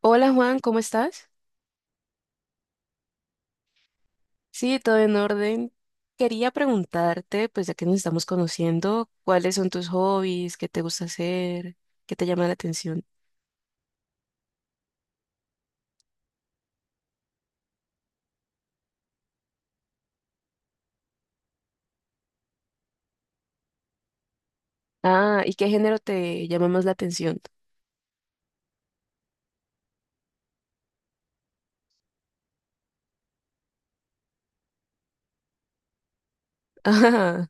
Hola Juan, ¿cómo estás? Sí, todo en orden. Quería preguntarte, pues ya que nos estamos conociendo, ¿cuáles son tus hobbies? ¿Qué te gusta hacer? ¿Qué te llama la atención? Ah, ¿y qué género te llama más la atención? Ah,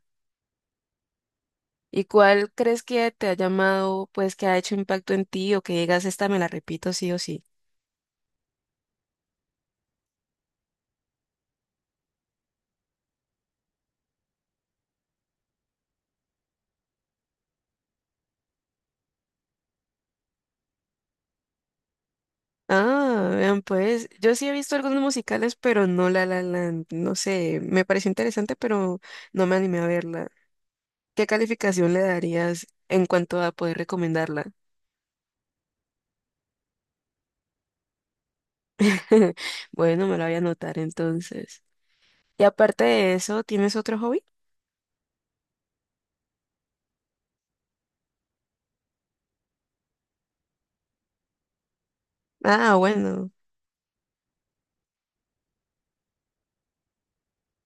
¿y cuál crees que te ha llamado, pues que ha hecho impacto en ti o que digas, esta me la repito sí o sí? Ah, vean pues, yo sí he visto algunos musicales, pero no La La Land. No sé, me pareció interesante, pero no me animé a verla. ¿Qué calificación le darías en cuanto a poder recomendarla? Bueno, me la voy a anotar entonces. Y aparte de eso, ¿tienes otro hobby? Ah, bueno.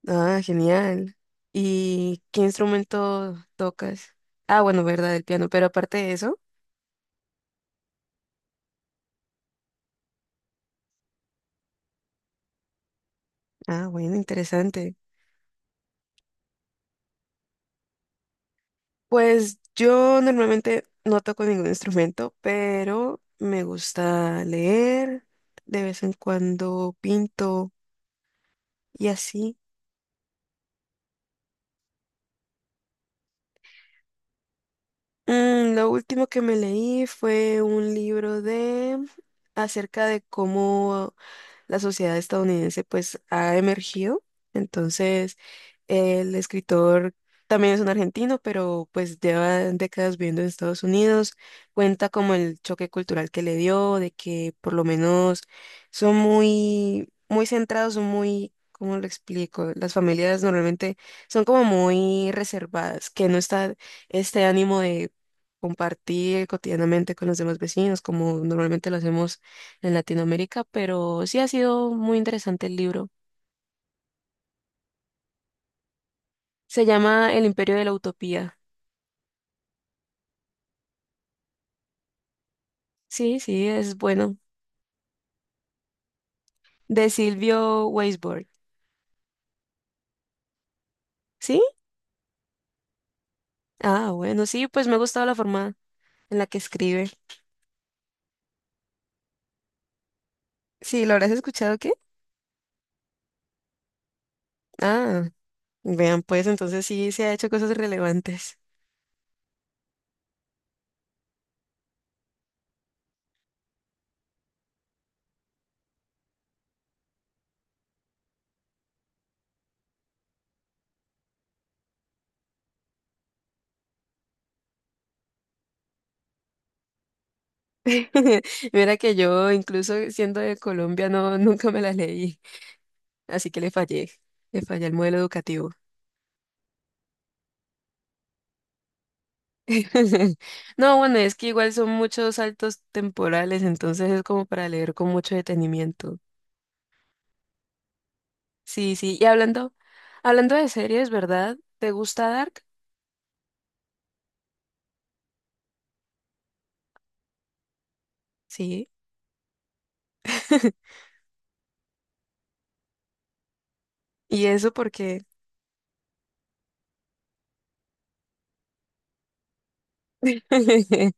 Ah, genial. ¿Y qué instrumento tocas? Ah, bueno, verdad, el piano. Pero aparte de eso, ah, bueno, interesante. Pues yo normalmente no toco ningún instrumento, pero me gusta leer, de vez en cuando pinto y así. Mm, lo último que me leí fue un libro de acerca de cómo la sociedad estadounidense pues ha emergido. Entonces, el escritor también es un argentino, pero pues lleva décadas viviendo en Estados Unidos. Cuenta como el choque cultural que le dio, de que por lo menos son muy, muy centrados, son muy, ¿cómo lo explico? Las familias normalmente son como muy reservadas, que no está este ánimo de compartir cotidianamente con los demás vecinos, como normalmente lo hacemos en Latinoamérica, pero sí ha sido muy interesante el libro. Se llama El Imperio de la Utopía. Sí, sí, es bueno. De Silvio Weisberg. ¿Sí? Ah, bueno, sí, pues me ha gustado la forma en la que escribe. Sí, ¿lo habrás escuchado qué? Ah, vean, pues entonces sí se ha hecho cosas relevantes. Mira que yo, incluso siendo de Colombia, no, nunca me la leí, así que le fallé el modelo educativo. No, bueno, es que igual son muchos saltos temporales, entonces es como para leer con mucho detenimiento. Sí, sí. Y hablando de series, ¿verdad? ¿Te gusta Dark? Sí. Y eso porque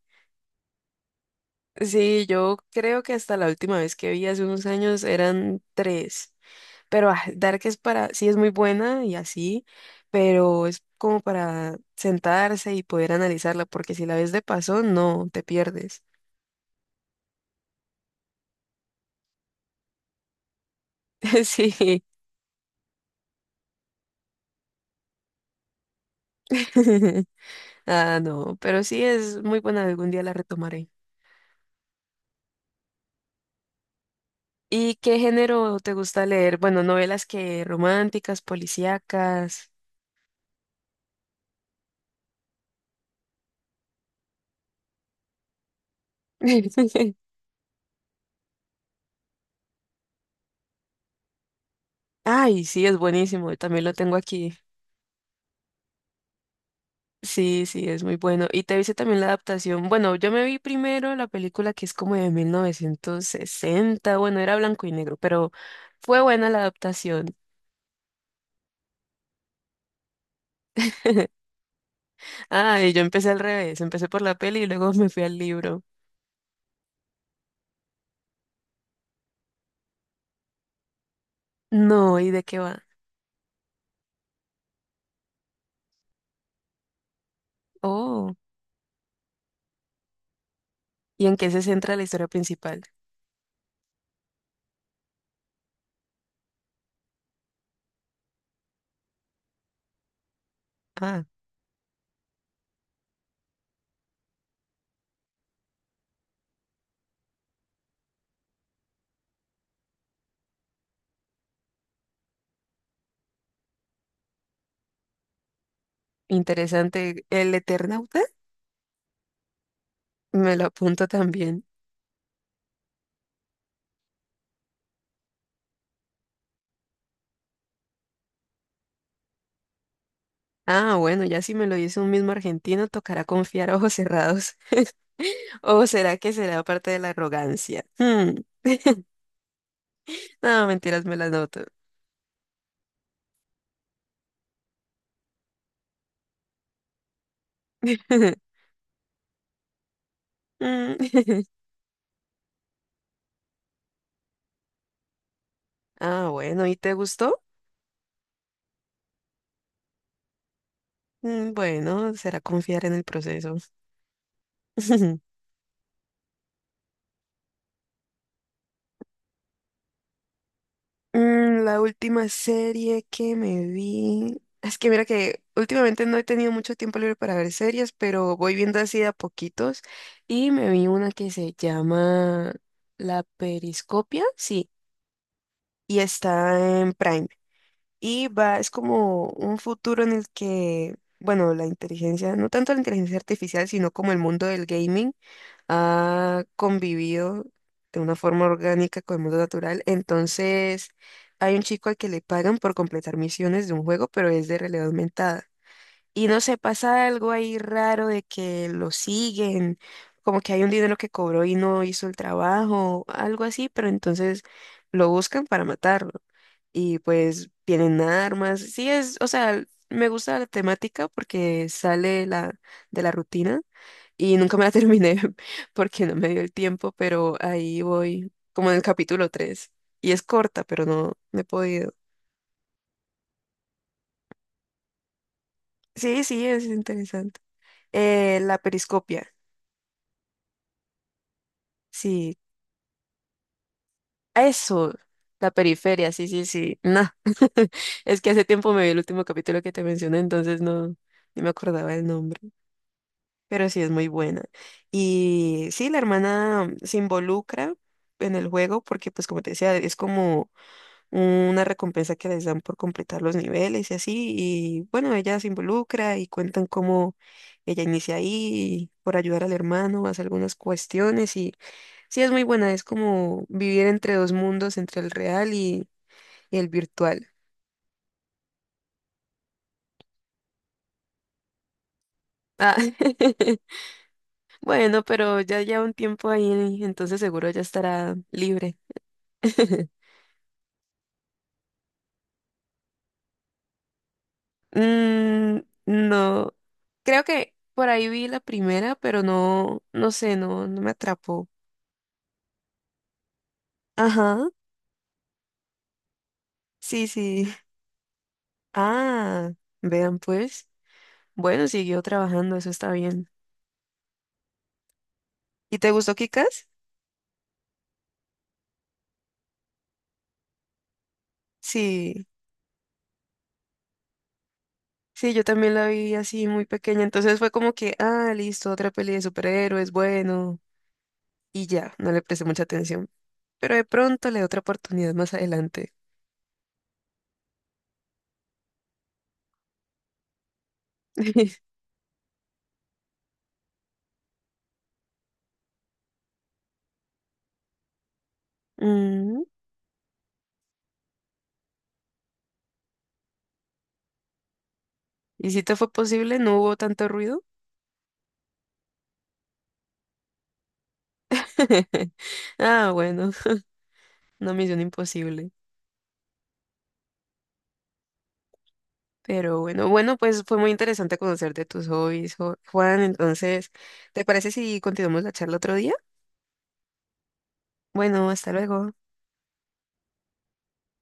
sí, yo creo que hasta la última vez que vi hace unos años eran tres. Pero ah, Dark es para, sí es muy buena y así, pero es como para sentarse y poder analizarla, porque si la ves de paso, no, te pierdes. Sí. Ah, no, pero sí es muy buena, algún día la retomaré. ¿Y qué género te gusta leer? Bueno, novelas que románticas, policíacas. Ay, sí, es buenísimo, también lo tengo aquí. Sí, sí, es muy bueno. Y te hice también la adaptación. Bueno, yo me vi primero la película que es como de 1960. Bueno, era blanco y negro, pero fue buena la adaptación. Ah, y yo empecé al revés, empecé por la peli y luego me fui al libro. No, ¿y de qué va? Oh. ¿Y en qué se centra la historia principal? Ah, interesante. ¿El Eternauta? Me lo apunto también. Ah, bueno, ya si me lo dice un mismo argentino, tocará confiar a ojos cerrados. ¿O será que será parte de la arrogancia? Hmm. No, mentiras, me las noto. Mm. Ah, bueno, ¿y te gustó? Mm, bueno, será confiar en el proceso. Mm, la última serie que me vi. Es que mira que últimamente no he tenido mucho tiempo libre para ver series, pero voy viendo así de a poquitos. Y me vi una que se llama La Periscopia, sí, y está en Prime. Y va, es como un futuro en el que, bueno, la inteligencia, no tanto la inteligencia artificial, sino como el mundo del gaming ha convivido de una forma orgánica con el mundo natural. Entonces, hay un chico al que le pagan por completar misiones de un juego, pero es de realidad aumentada. Y no sé, pasa algo ahí raro de que lo siguen, como que hay un dinero que cobró y no hizo el trabajo, algo así, pero entonces lo buscan para matarlo. Y pues vienen armas. Sí, es, o sea, me gusta la temática porque sale la, de la rutina y nunca me la terminé porque no me dio el tiempo, pero ahí voy, como en el capítulo tres. Y es corta, pero no, no he podido. Sí, sí, es interesante. La periscopia, sí. Eso, la periferia, sí, sí, sí. Nah. Es que hace tiempo me vi el último capítulo que te mencioné, entonces no, ni me acordaba el nombre. Pero sí es muy buena. Y sí, la hermana se involucra en el juego porque, pues como te decía, es como una recompensa que les dan por completar los niveles y así. Y bueno, ella se involucra y cuentan cómo ella inicia ahí por ayudar al hermano, hace algunas cuestiones y sí es muy buena, es como vivir entre dos mundos, entre el real y el virtual. Ah, bueno, pero ya lleva un tiempo ahí, entonces seguro ya estará libre. Mm, no, creo que por ahí vi la primera, pero no, no sé, no, no me atrapó. Ajá. Sí, sí. Ah, vean pues. Bueno, siguió trabajando, eso está bien. ¿Y te gustó Kikas? Sí, sí, yo también la vi así muy pequeña, entonces fue como que, ah, listo, otra peli de superhéroes, bueno, y ya, no le presté mucha atención. Pero de pronto le doy otra oportunidad más adelante. Mm, ¿y si te fue posible? ¿No hubo tanto ruido? Ah, bueno, no, misión imposible. Pero bueno, bueno, pues fue muy interesante conocer de tus hobbies, Juan. Entonces, ¿te parece si continuamos la charla otro día? Bueno, hasta luego.